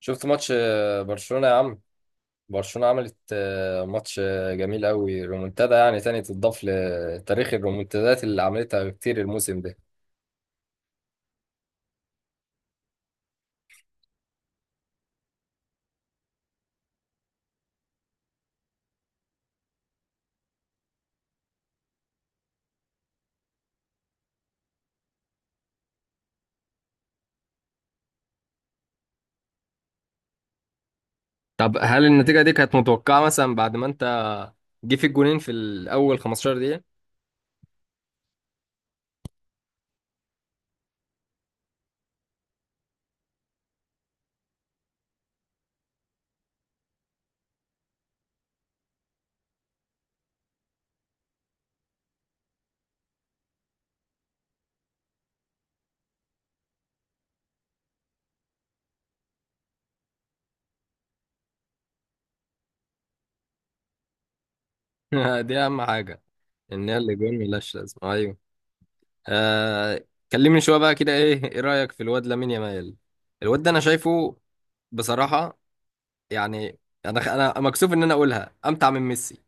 شفت ماتش برشلونة يا عم. برشلونة عملت ماتش جميل قوي، رومونتادا يعني تاني تضاف لتاريخ الرومونتادات اللي عملتها كتير الموسم ده. طب هل النتيجة دي كانت متوقعة مثلا بعد ما انت جه فيك جونين في الأول 15 دقيقة؟ دي أهم حاجة، إن هي اللي جون ملهاش لازمة. أيوه. آه. كلمني شوية بقى كده. إيه رأيك في الواد لامين يامال؟ الواد ده أنا شايفه بصراحة، يعني أنا مكسوف إن أنا أقولها أمتع من ميسي.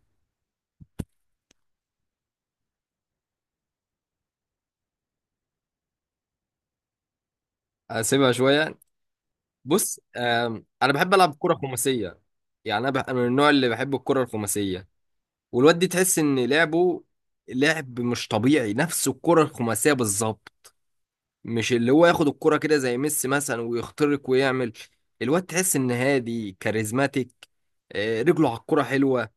هسيبها شوية. بص. انا بحب العب كره خماسيه. يعني أنا من النوع اللي بحب الكره الخماسيه. والواد دي تحس ان لعبه لعب مش طبيعي، نفس الكره الخماسيه بالظبط. مش اللي هو ياخد الكره كده زي ميسي مثلا ويخترق ويعمل. الواد تحس ان هادي كاريزماتيك. رجله على الكره حلوه.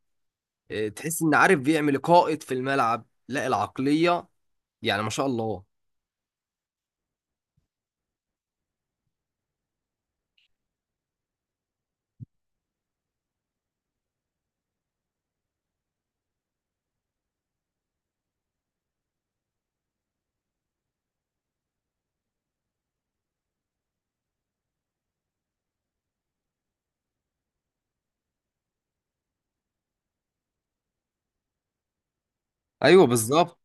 تحس ان عارف بيعمل قائد في الملعب لا العقليه، يعني ما شاء الله. ايوه بالظبط.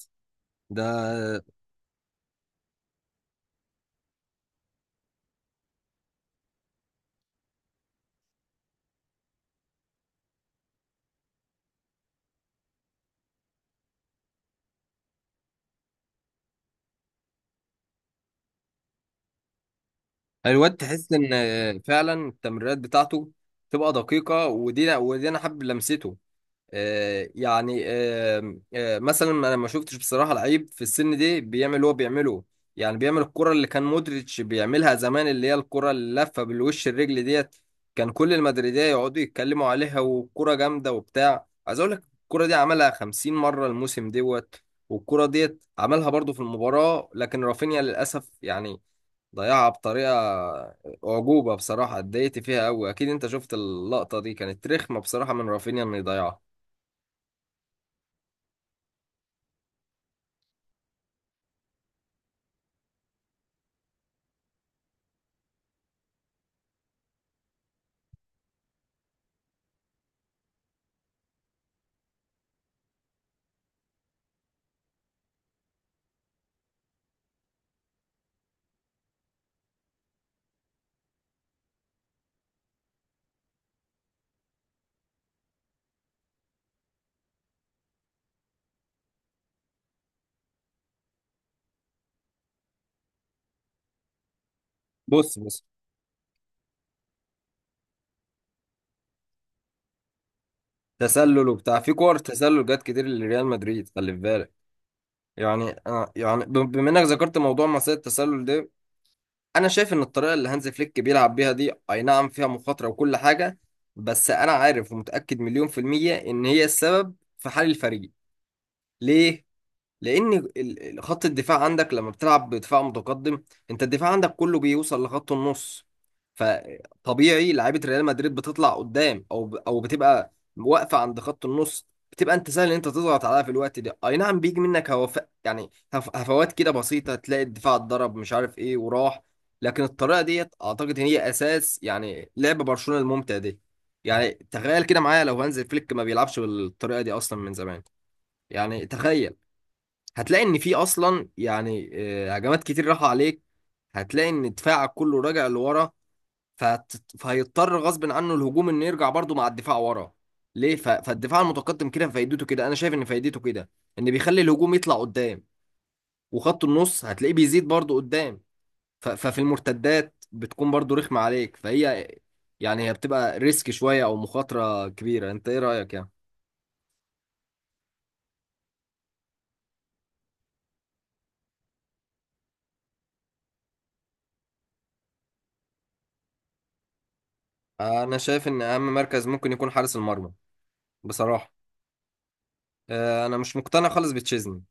ده الواد تحس ان فعلا التمريرات بتاعته تبقى دقيقة. ودي انا حابب لمسته. يعني مثلا انا ما شفتش بصراحة لعيب في السن دي بيعمل اللي هو بيعمله. يعني بيعمل الكرة اللي كان مودريتش بيعملها زمان، اللي هي الكرة اللفة بالوش الرجل ديت. كان كل المدريدية يقعدوا يتكلموا عليها والكرة جامدة وبتاع. عايز اقول لك الكرة دي عملها 50 مرة الموسم دوت، والكرة ديت عملها برضو في المباراة، لكن رافينيا للأسف يعني ضيعها بطريقة أعجوبة. بصراحة اتضايقت فيها أوي. أكيد أنت شفت اللقطة، دي كانت رخمة بصراحة من رافينيا إنه يضيعها. بص بص، تسلل وبتاع. في كور تسلل جت كتير لريال مدريد، خلي في بالك. يعني أنا يعني بما إنك ذكرت موضوع مصيدة التسلل ده، أنا شايف إن الطريقة اللي هانز فليك بيلعب بيها دي أي نعم فيها مخاطرة وكل حاجة، بس أنا عارف ومتأكد مليون في المية إن هي السبب في حال الفريق. ليه؟ لان خط الدفاع عندك لما بتلعب بدفاع متقدم، انت الدفاع عندك كله بيوصل لخط النص. فطبيعي لعيبه ريال مدريد بتطلع قدام او او بتبقى واقفه عند خط النص. بتبقى انت سهل ان انت تضغط عليها في الوقت ده، اي نعم بيجي منك هوف يعني هفوات كده بسيطه، تلاقي الدفاع اتضرب مش عارف ايه وراح. لكن الطريقه ديت اعتقد ان هي اساس يعني لعب برشلونه الممتع دي. يعني تخيل كده معايا، لو هانز فليك ما بيلعبش بالطريقه دي اصلا من زمان، يعني تخيل، هتلاقي ان في اصلا يعني هجمات كتير راحوا عليك. هتلاقي ان دفاعك كله راجع لورا. فهت... فهيضطر غصب عنه الهجوم انه يرجع برضه مع الدفاع ورا. ليه؟ فالدفاع المتقدم كده فايدته كده، انا شايف ان فايدته كده ان بيخلي الهجوم يطلع قدام، وخط النص هتلاقيه بيزيد برضه قدام. ففي المرتدات بتكون برضه رخمة عليك فهي، يعني هي بتبقى ريسك شوية او مخاطرة كبيرة. انت ايه رأيك يعني؟ انا شايف ان اهم مركز ممكن يكون حارس المرمى بصراحة. انا مش مقتنع خالص بتشيزني،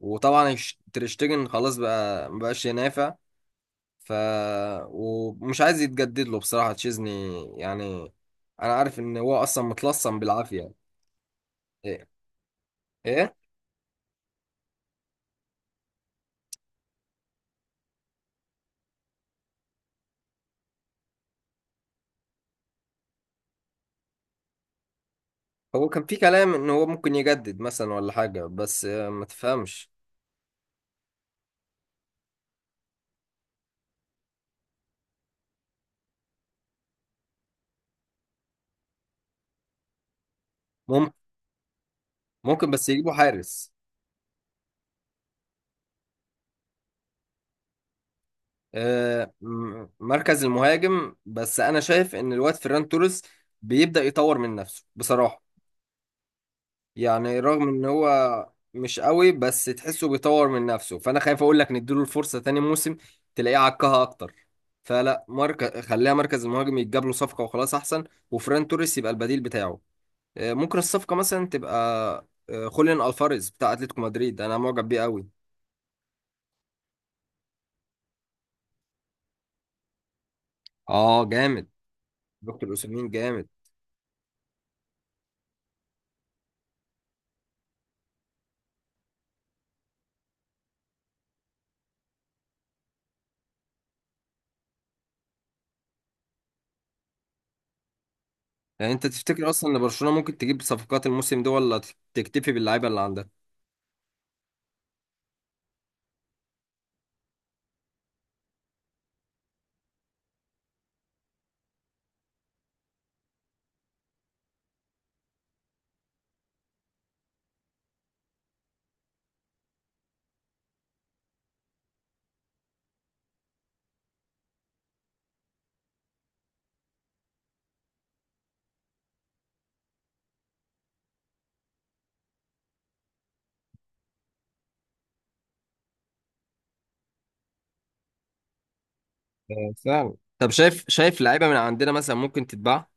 وطبعا تريشتجن خلاص بقى مبقاش ينافع. ف ومش عايز يتجدد له بصراحة تشيزني. يعني انا عارف ان هو اصلا متلصم بالعافية. ايه. ايه. هو كان في كلام ان هو ممكن يجدد مثلا ولا حاجة، بس ما تفهمش. ممكن ممكن بس يجيبوا حارس. مركز المهاجم، بس انا شايف ان الواد فيران توريس بيبدأ يطور من نفسه بصراحة. يعني رغم ان هو مش قوي بس تحسه بيطور من نفسه، فانا خايف اقول لك نديله الفرصه تاني موسم، تلاقيه عكها اكتر. فلا، مركز خليها مركز المهاجم يتجاب له صفقه وخلاص احسن، وفران توريس يبقى البديل بتاعه. ممكن الصفقه مثلا تبقى خوليان الفاريز بتاع اتلتيكو مدريد، انا معجب بيه قوي. اه جامد. دكتور اوسيمين جامد. يعني انت تفتكر اصلا ان برشلونه ممكن تجيب صفقات الموسم ده ولا تكتفي باللعيبه اللي عندها؟ سهل. طب شايف لعيبه من عندنا مثلا ممكن تتباع؟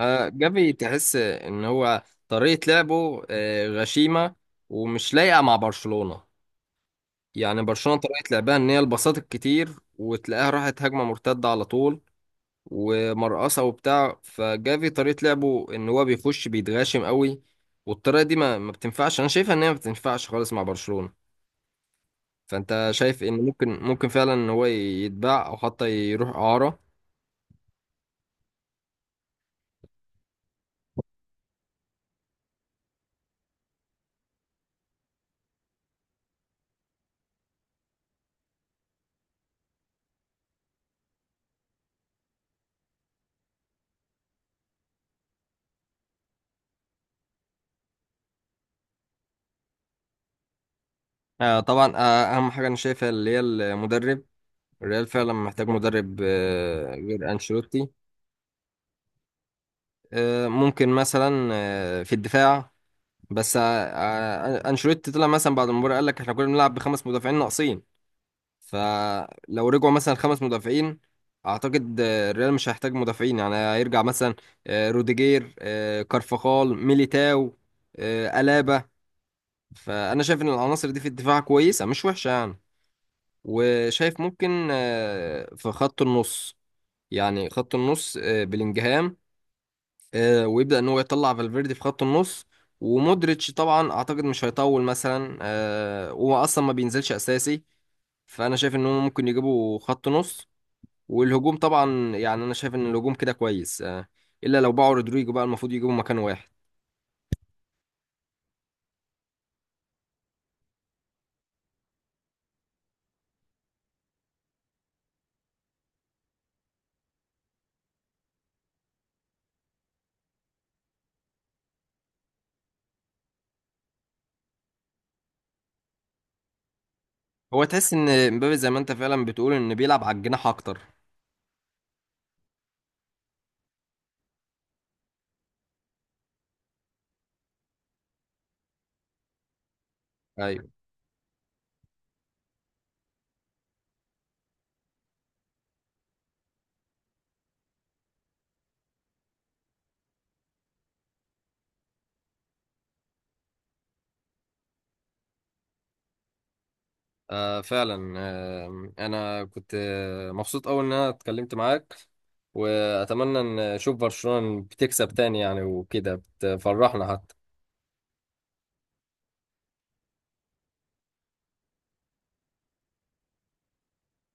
جافي تحس ان هو طريقة لعبه غشيمة ومش لايقة مع برشلونة. يعني برشلونة طريقة لعبها ان هي البساط الكتير، وتلاقيها راحت هجمة مرتدة على طول ومرقصة وبتاع. فجافي طريقة لعبه ان هو بيخش بيتغاشم قوي، والطريقة دي ما بتنفعش، انا شايفها ان هي ما بتنفعش خالص مع برشلونة. فانت شايف ان ممكن فعلا ان هو يتباع او حتى يروح اعارة؟ طبعا. اهم حاجة انا شايفها اللي هي المدرب. الريال فعلا محتاج مدرب غير أنشيلوتي. ممكن مثلا في الدفاع، بس أنشيلوتي طلع مثلا بعد المباراة قال لك احنا كنا بنلعب بخمس مدافعين ناقصين. فلو رجعوا مثلا خمس مدافعين أعتقد الريال مش هيحتاج مدافعين، يعني هيرجع مثلا روديجير، كارفاخال، ميليتاو، ألابا. فأنا شايف إن العناصر دي في الدفاع كويسة مش وحشة يعني. وشايف ممكن في خط النص، يعني خط النص بلينجهام ويبدأ ان هو يطلع فالفيردي في خط النص. ومودريتش طبعا اعتقد مش هيطول مثلا، هو اصلا ما بينزلش اساسي. فانا شايف ان هم ممكن يجيبوا خط نص. والهجوم طبعا يعني انا شايف ان الهجوم كده كويس، الا لو باعوا رودريجو بقى المفروض يجيبوا مكان واحد. هو تحس ان مبابي زي ما انت فعلا بتقول ان بيلعب على الجناح اكتر؟ ايوه. فعلا. انا كنت مبسوط أوي ان انا اتكلمت معاك، واتمنى ان اشوف برشلونة بتكسب تاني يعني، وكده بتفرحنا حتى.